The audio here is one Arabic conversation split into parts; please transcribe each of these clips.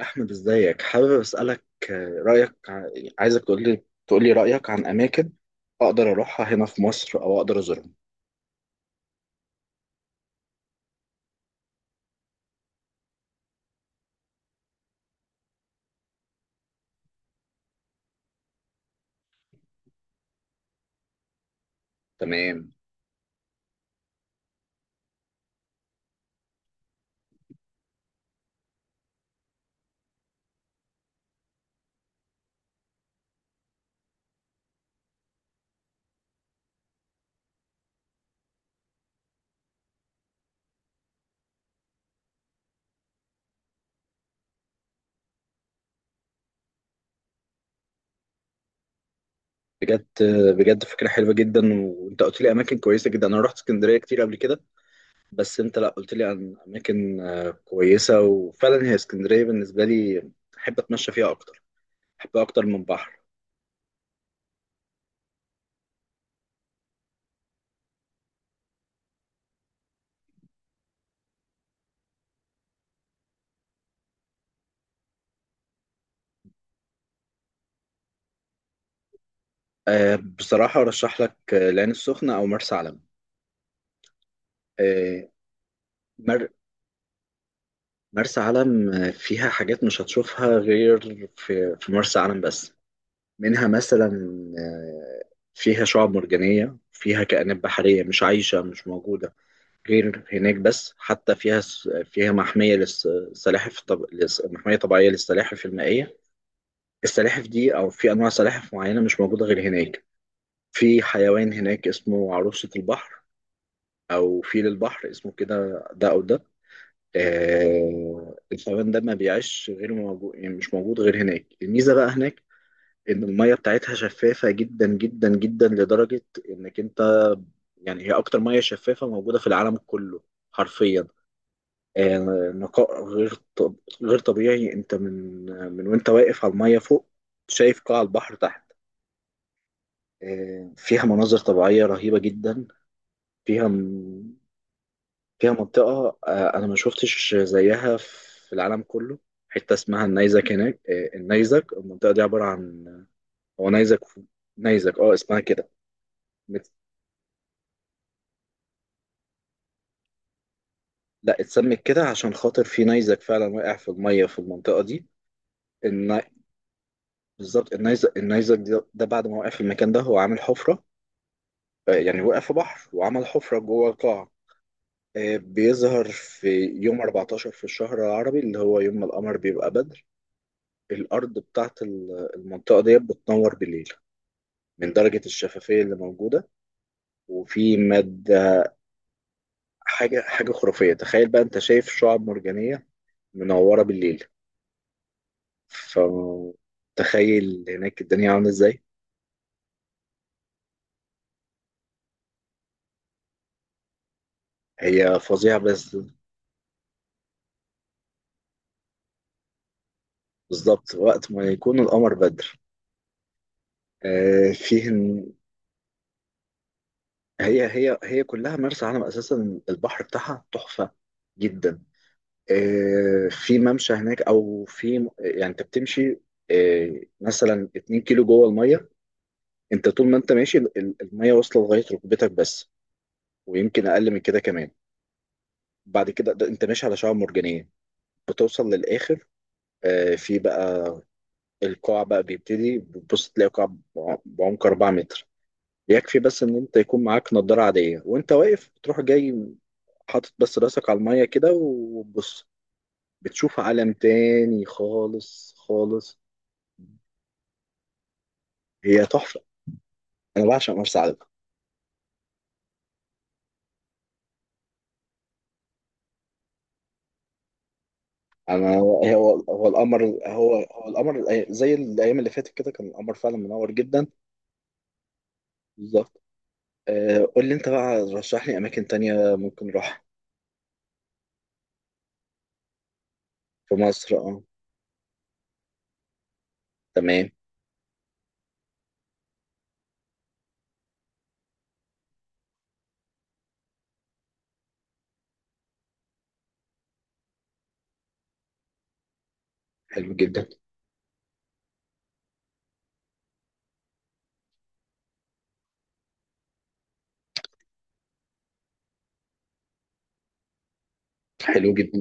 أحمد، إزيك؟ حابب أسألك رأيك عايزك تقول لي رأيك عن أماكن أقدر أروحها هنا في مصر أو أقدر أزورهم. تمام. بجد، فكرة حلوة جدا وأنت قلت لي أماكن كويسة جدا. أنا رحت اسكندرية كتير قبل كده. بس أنت لا قلت لي عن أماكن كويسة، وفعلا هي اسكندرية بالنسبة لي. أحب أتمشى فيها أكتر. أحبها أكتر من بحر. بصراحة أرشح لك العين السخنة أو مرسى علم. آه، مر- مرسى علم فيها حاجات مش هتشوفها غير في مرسى علم بس. منها مثلا آه، فيها شعاب مرجانية، فيها كائنات بحرية مش موجودة غير هناك بس. حتى فيها محمية طبيعية للسلاحف المائية. السلاحف دي، أو في أنواع سلاحف معينة مش موجودة غير هناك. في حيوان هناك اسمه عروسة البحر، أو فيل البحر اسمه كده. ده أو ده. الفئران ده ما بيعيش، غير موجود يعني مش موجود غير هناك. الميزة بقى هناك إن المية بتاعتها شفافة جدا جدا جدا، لدرجة إنك أنت، يعني هي أكتر مية شفافة موجودة في العالم كله، حرفيا. آه، نقاء غير طبيعي. أنت من من وأنت واقف على المية فوق، شايف قاع البحر تحت. فيها مناظر طبيعية رهيبة جدا. فيها م- فيها منطقة، أنا ما شفتش زيها في العالم كله. حتة اسمها النيزك هناك. النيزك، المنطقة دي عبارة عن، هو نيزك. نيزك، اسمها كده. مت- لا، اتسمت كده عشان خاطر في نيزك فعلا واقع في المية في المنطقة دي. الن... بالظبط. النيزك ده بعد ما وقع في المكان ده، هو عامل حفرة. يعني وقع في بحر وعمل حفرة جوه القاع. بيظهر في يوم 14 في الشهر العربي، اللي هو يوم ما القمر بيبقى بدر. الأرض بتاعت المنطقة دي بتنور بالليل، من درجة الشفافية اللي موجودة. وفي مادة. حاجة خرافية، تخيل بقى أنت شايف شعاب مرجانية منورة بالليل، فتخيل هناك الدنيا عاملة إزاي. هي فظيعة بس. بالظبط وقت ما يكون القمر بدر. آه، فيه إن- هي كلها مرسى علم، أساسا البحر بتاعها تحفة جدا. في ممشى هناك، أو في يعني أنت بتمشي مثلا 2 كيلو جوه المية. انت طول ما انت ماشي، الميه واصله لغايه ركبتك بس، ويمكن اقل من كده كمان. بعد كده ده انت ماشي على شعاب مرجانيه، بتوصل للاخر. في بقى، القاع بقى بيبتدي، بتبص تلاقي قاع بعمق 4 متر. يكفي بس ان انت يكون معاك نضاره عاديه، وانت واقف تروح جاي، حاطط بس راسك على الميه كده وبص، بتشوف عالم تاني خالص خالص. هي تحفه، انا بعشق مرسى علم. انا هو هو القمر. زي الايام اللي فاتت كده كان القمر فعلا منور جدا. بالظبط. قول لي انت بقى، رشح لي اماكن تانية ممكن اروح. في مصر، اه. تمام. حلو جدا. حلو جدا.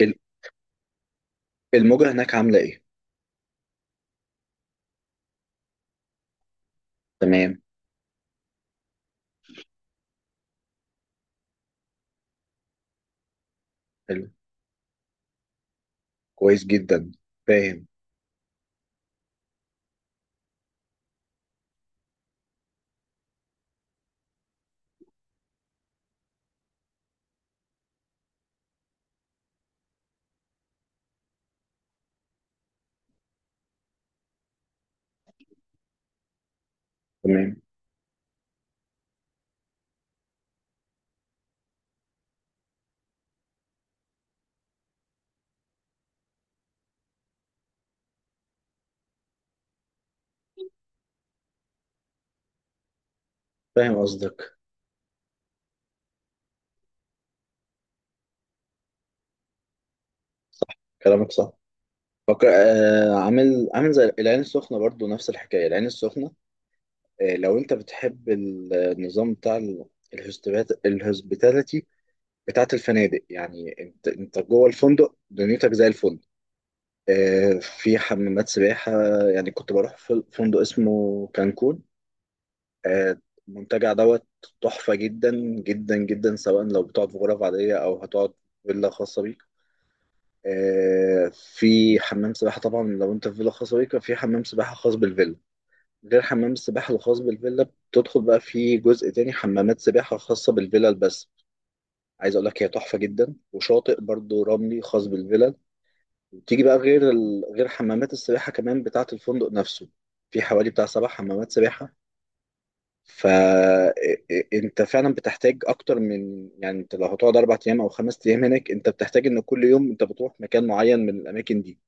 ال- الموجة هناك عاملة ايه؟ تمام. حلو. كويس جدا. فاهم. تمام. فاهم قصدك. صح. كلامك صح. فكر عامل زي العين السخنة، برضو نفس الحكاية العين السخنة. لو انت بتحب النظام بتاع الهوسبيتاليتي بتاعت الفنادق، يعني انت جوه الفندق دنيتك زي الفندق. في حمامات سباحة. يعني كنت بروح في فندق اسمه كانكون. آه، المنتجع دوت، تحفة جدا جدا جدا، سواء لو بتقعد في غرف عادية أو هتقعد في فيلا خاصة بيك. في حمام سباحة طبعا. لو انت في فيلا خاصة بيك، في حمام سباحة خاص بالفيلا. غير حمام السباحة الخاص بالفيلا، بتدخل بقى في جزء تاني حمامات سباحة خاصة بالفيلا بس. عايز اقول لك هي تحفة جدا، وشاطئ برضو رملي خاص بالفيلا. تيجي بقى غير حمامات السباحة كمان بتاعة الفندق نفسه. في حوالي بتاع 7 حمامات سباحة. فأنت فعلا بتحتاج أكتر من، يعني أنت لو هتقعد 4 أيام أو 5 أيام هناك، أنت بتحتاج إن كل يوم أنت بتروح مكان معين من الأماكن دي.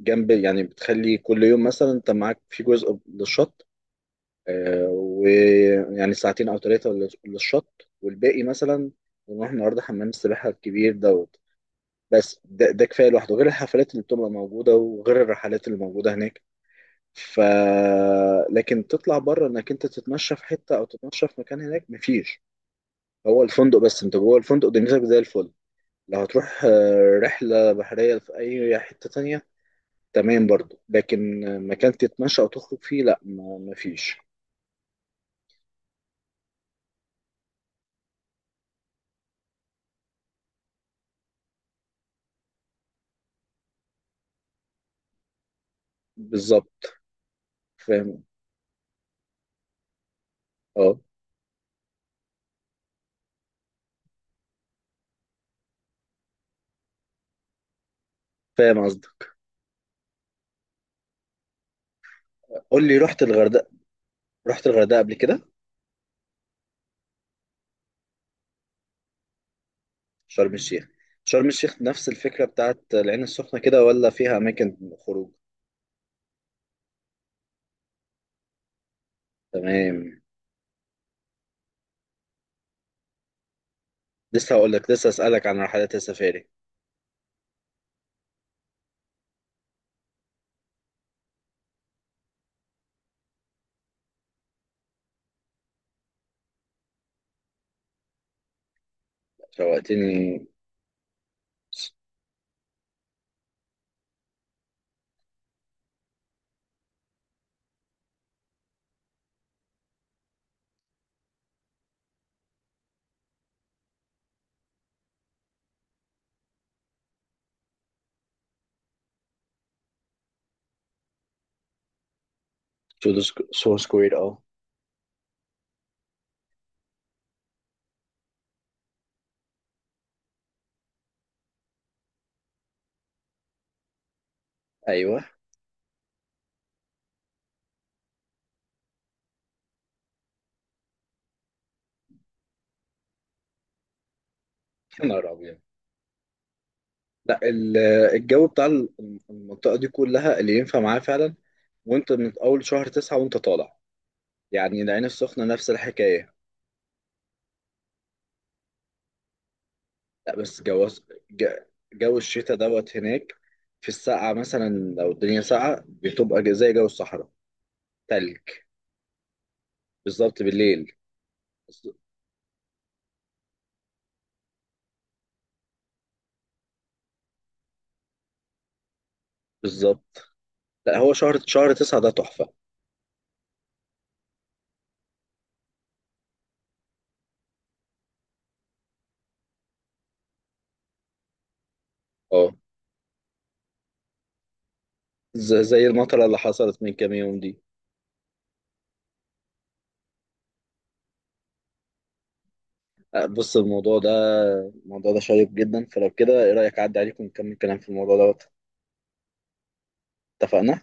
جنب، يعني بتخلي كل يوم مثلا أنت معاك في جزء للشط، ويعني ساعتين أو ثلاثة للشط، والباقي مثلا نروح النهاردة حمام السباحة الكبير ده. بس ده كفايه لوحده، غير الحفلات اللي بتبقى موجوده وغير الرحلات اللي موجوده هناك. ف لكن تطلع بره انك انت تتمشى في حته او تتمشى في مكان هناك، مفيش. هو الفندق بس، انت جوه الفندق دنيتك زي الفل. لو هتروح رحله بحريه في اي حته تانية، تمام برضو، لكن مكان تتمشى او تخرج فيه لا، مفيش. بالظبط. فاهم. اه، فاهم قصدك. قول لي، رحت الغردقه؟ قبل كده؟ شرم الشيخ. نفس الفكرة بتاعت العين السخنة كده، ولا فيها أماكن خروج؟ تمام. لسه هقول لك لسه أسألك عن رحلات السفاري. شوقتني. تو سو سكوير، أه. أيوه. يا نهار أبيض! لا، الجو بتاع المنطقة دي كلها اللي ينفع معاه فعلا، وأنت من أول شهر 9 وأنت طالع. يعني العين السخنة نفس الحكاية. لا بس جو، ج- جو الشتاء دوت هناك. في السقعة مثلا، لو الدنيا ساقعة بتبقى زي جو الصحراء، تلج. بالظبط، بالليل. بالظبط. لا هو شهر تسعة ده تحفة. اه، زي المطرة اللي حصلت من كام يوم دي. بص، الموضوع ده شيق جدا، فلو كده ايه رأيك اعدي عليكم ونكمل كلام في الموضوع ده؟ اتفقنا.